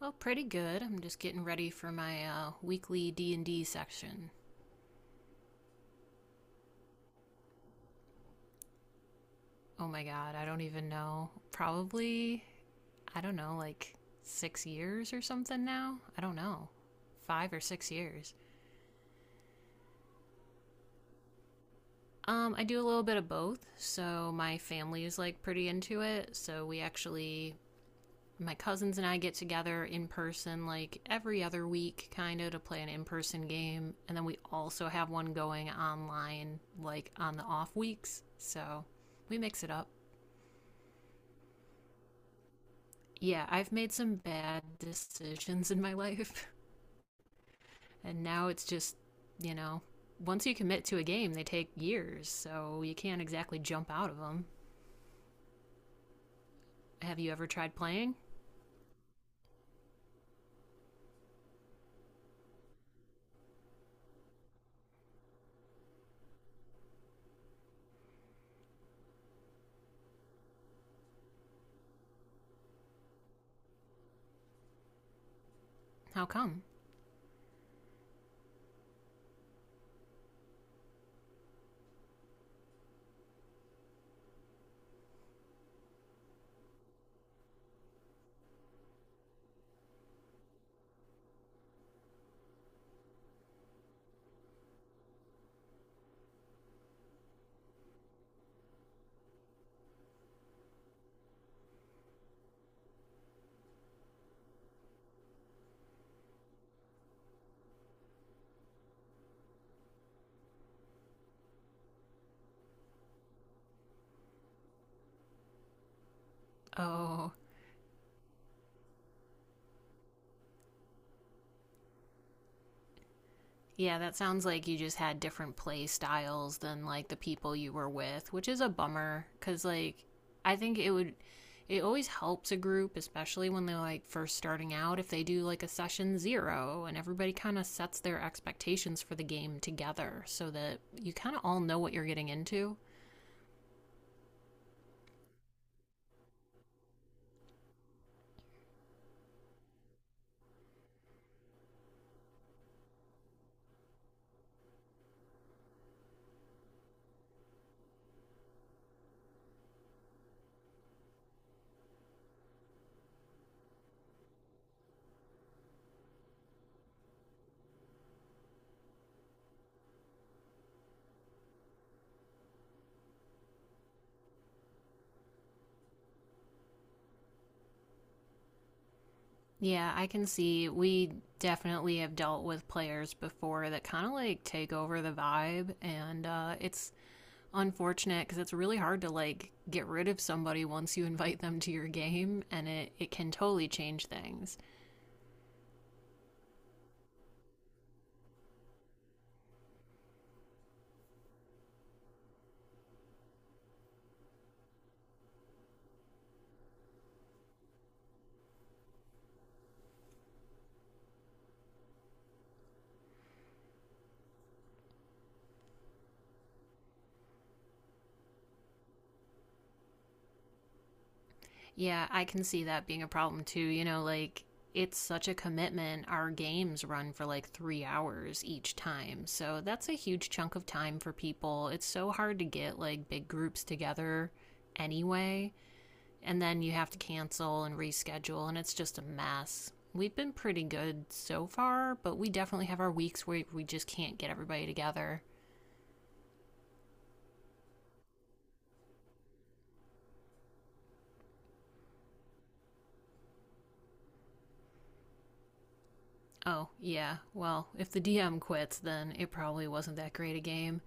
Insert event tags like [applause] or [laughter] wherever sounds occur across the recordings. Well, pretty good. I'm just getting ready for my weekly D and D section. Oh my god, I don't even know. Probably, I don't know, like 6 years or something now. I don't know, 5 or 6 years. I do a little bit of both. So my family is like pretty into it. So we actually my cousins and I get together in person like every other week, kind of, to play an in person game. And then we also have one going online, like on the off weeks. So we mix it up. Yeah, I've made some bad decisions in my [laughs] life. And now it's just, you know, once you commit to a game, they take years. So you can't exactly jump out of them. Have you ever tried playing? How come? Oh. Yeah, that sounds like you just had different play styles than like the people you were with, which is a bummer cuz like I think it would it always helps a group, especially when they're like first starting out, if they do like a session 0 and everybody kind of sets their expectations for the game together so that you kind of all know what you're getting into. Yeah, I can see we definitely have dealt with players before that kind of like take over the vibe and it's unfortunate because it's really hard to like get rid of somebody once you [laughs] invite them to your game and it can totally change things. Yeah, I can see that being a problem too. You know, like it's such a commitment. Our games run for like 3 hours each time. So that's a huge chunk of time for people. It's so hard to get like big groups together anyway. And then you have to cancel and reschedule, and it's just a mess. We've been pretty good so far, but we definitely have our weeks where we just can't get everybody together. Oh, yeah. Well, if the DM quits, then it probably wasn't that great a game.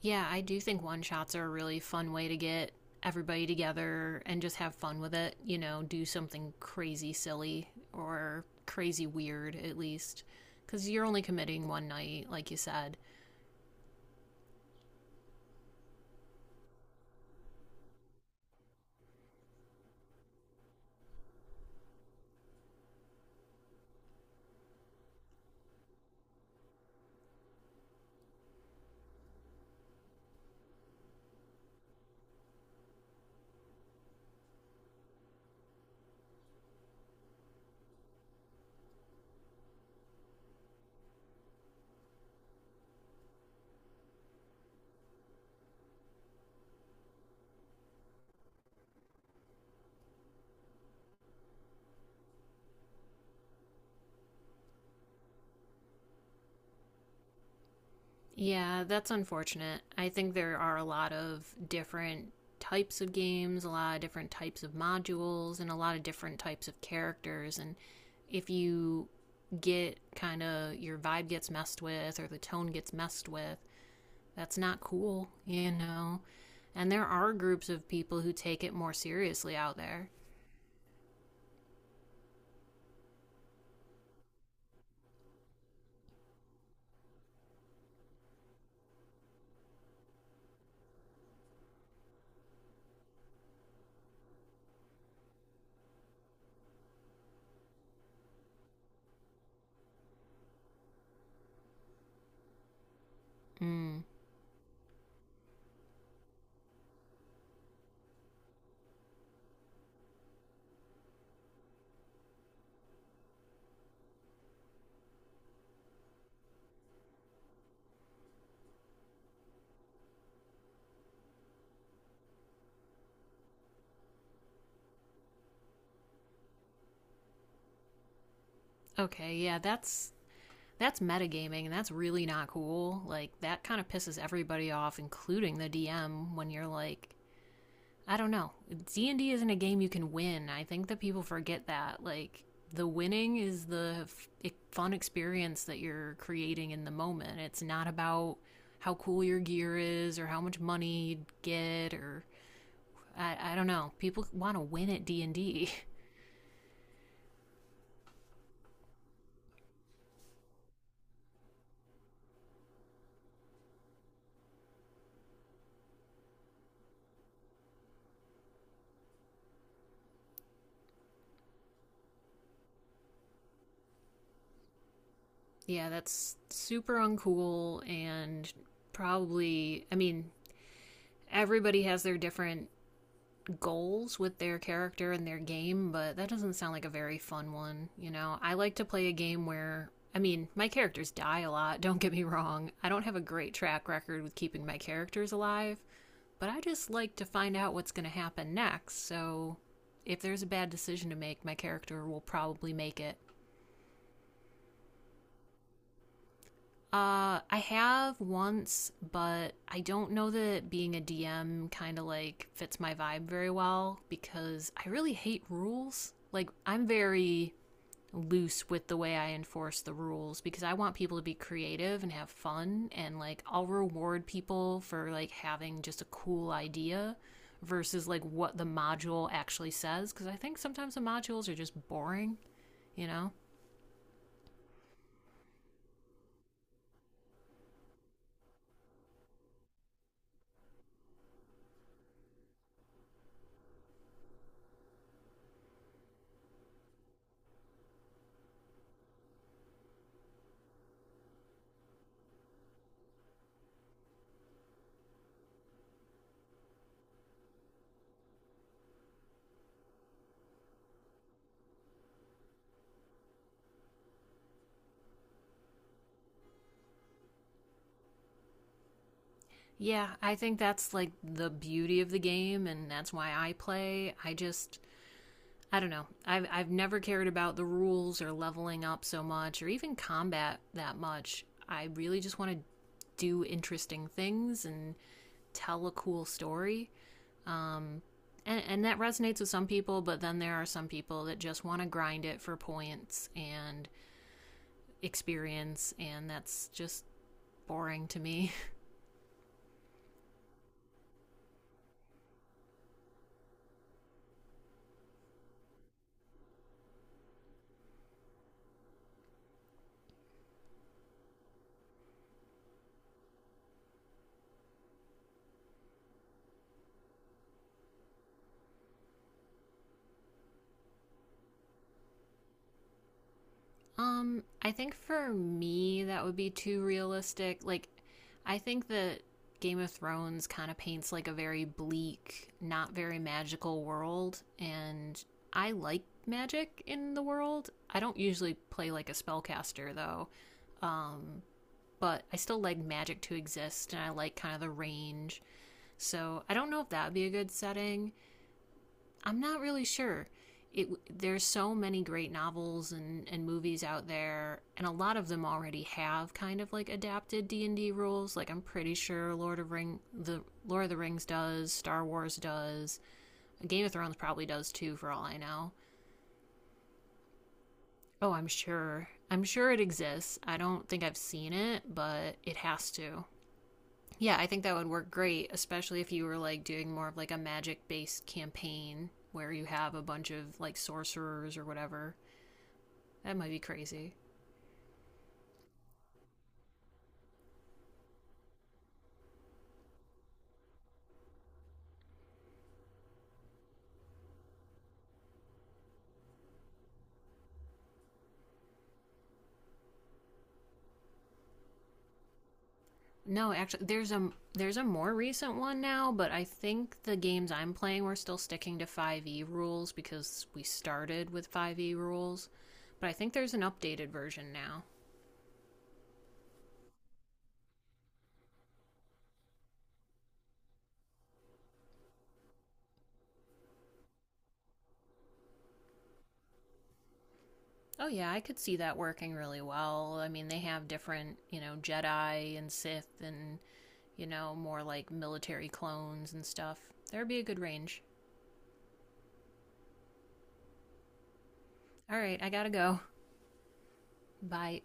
Yeah, I do think one shots are a really fun way to get everybody together and just have fun with it. You know, do something crazy silly or crazy weird, at least. Because you're only committing one night, like you said. Yeah, that's unfortunate. I think there are a lot of different types of games, a lot of different types of modules, and a lot of different types of characters. And if you get kind of your vibe gets messed with or the tone gets messed with, that's not cool, you know? And there are groups of people who take it more seriously out there. Mm. Okay, yeah, that's metagaming and that's really not cool. Like that kind of pisses everybody off, including the DM, when you're like, I don't know. D and D isn't a game you can win. I think that people forget that. Like the winning is the fun experience that you're creating in the moment. It's not about how cool your gear is or how much money you get or I don't know. People want to win at D and D. [laughs] Yeah, that's super uncool and probably. I mean, everybody has their different goals with their character and their game, but that doesn't sound like a very fun one. You know, I like to play a game where, I mean, my characters die a lot, [laughs] don't get me wrong. I don't have a great track record with keeping my characters alive, but I just like to find out what's going to happen next. So if there's a bad decision to make, my character will probably make it. I have once, but I don't know that being a DM kind of like fits my vibe very well because I really hate rules. Like, I'm very loose with the way I enforce the rules because I want people to be creative and have fun and like I'll reward people for like having just a cool idea versus like what the module actually says because I think sometimes the modules are just boring, you know? Yeah, I think that's like the beauty of the game, and that's why I play. I don't know. I've never cared about the rules or leveling up so much or even combat that much. I really just want to do interesting things and tell a cool story. And that resonates with some people, but then there are some people that just want to grind it for points and experience, and that's just boring to me. I think for me that would be too realistic. Like I think that Game of Thrones kind of paints like a very bleak, not very magical world and I like magic in the world. I don't usually play like a spellcaster though. Um, but I still like magic to exist and I like kind of the range. So I don't know if that would be a good setting. I'm not really sure. It, there's so many great novels and movies out there, and a lot of them already have kind of like adapted D and D rules. Like I'm pretty sure the Lord of the Rings does, Star Wars does, Game of Thrones probably does too, for all I know. Oh, I'm sure. I'm sure it exists. I don't think I've seen it, but it has to. Yeah, I think that would work great, especially if you were like doing more of like a magic based campaign where you have a bunch of like sorcerers or whatever. That might be crazy. No, actually, there's a more recent one now, but I think the games I'm playing we're still sticking to 5e rules because we started with 5e rules. But I think there's an updated version now. Oh yeah, I could see that working really well. I mean, they have different, you know, Jedi and Sith and you know, more like military clones and stuff. There'd be a good range. All right, I gotta go. Bye.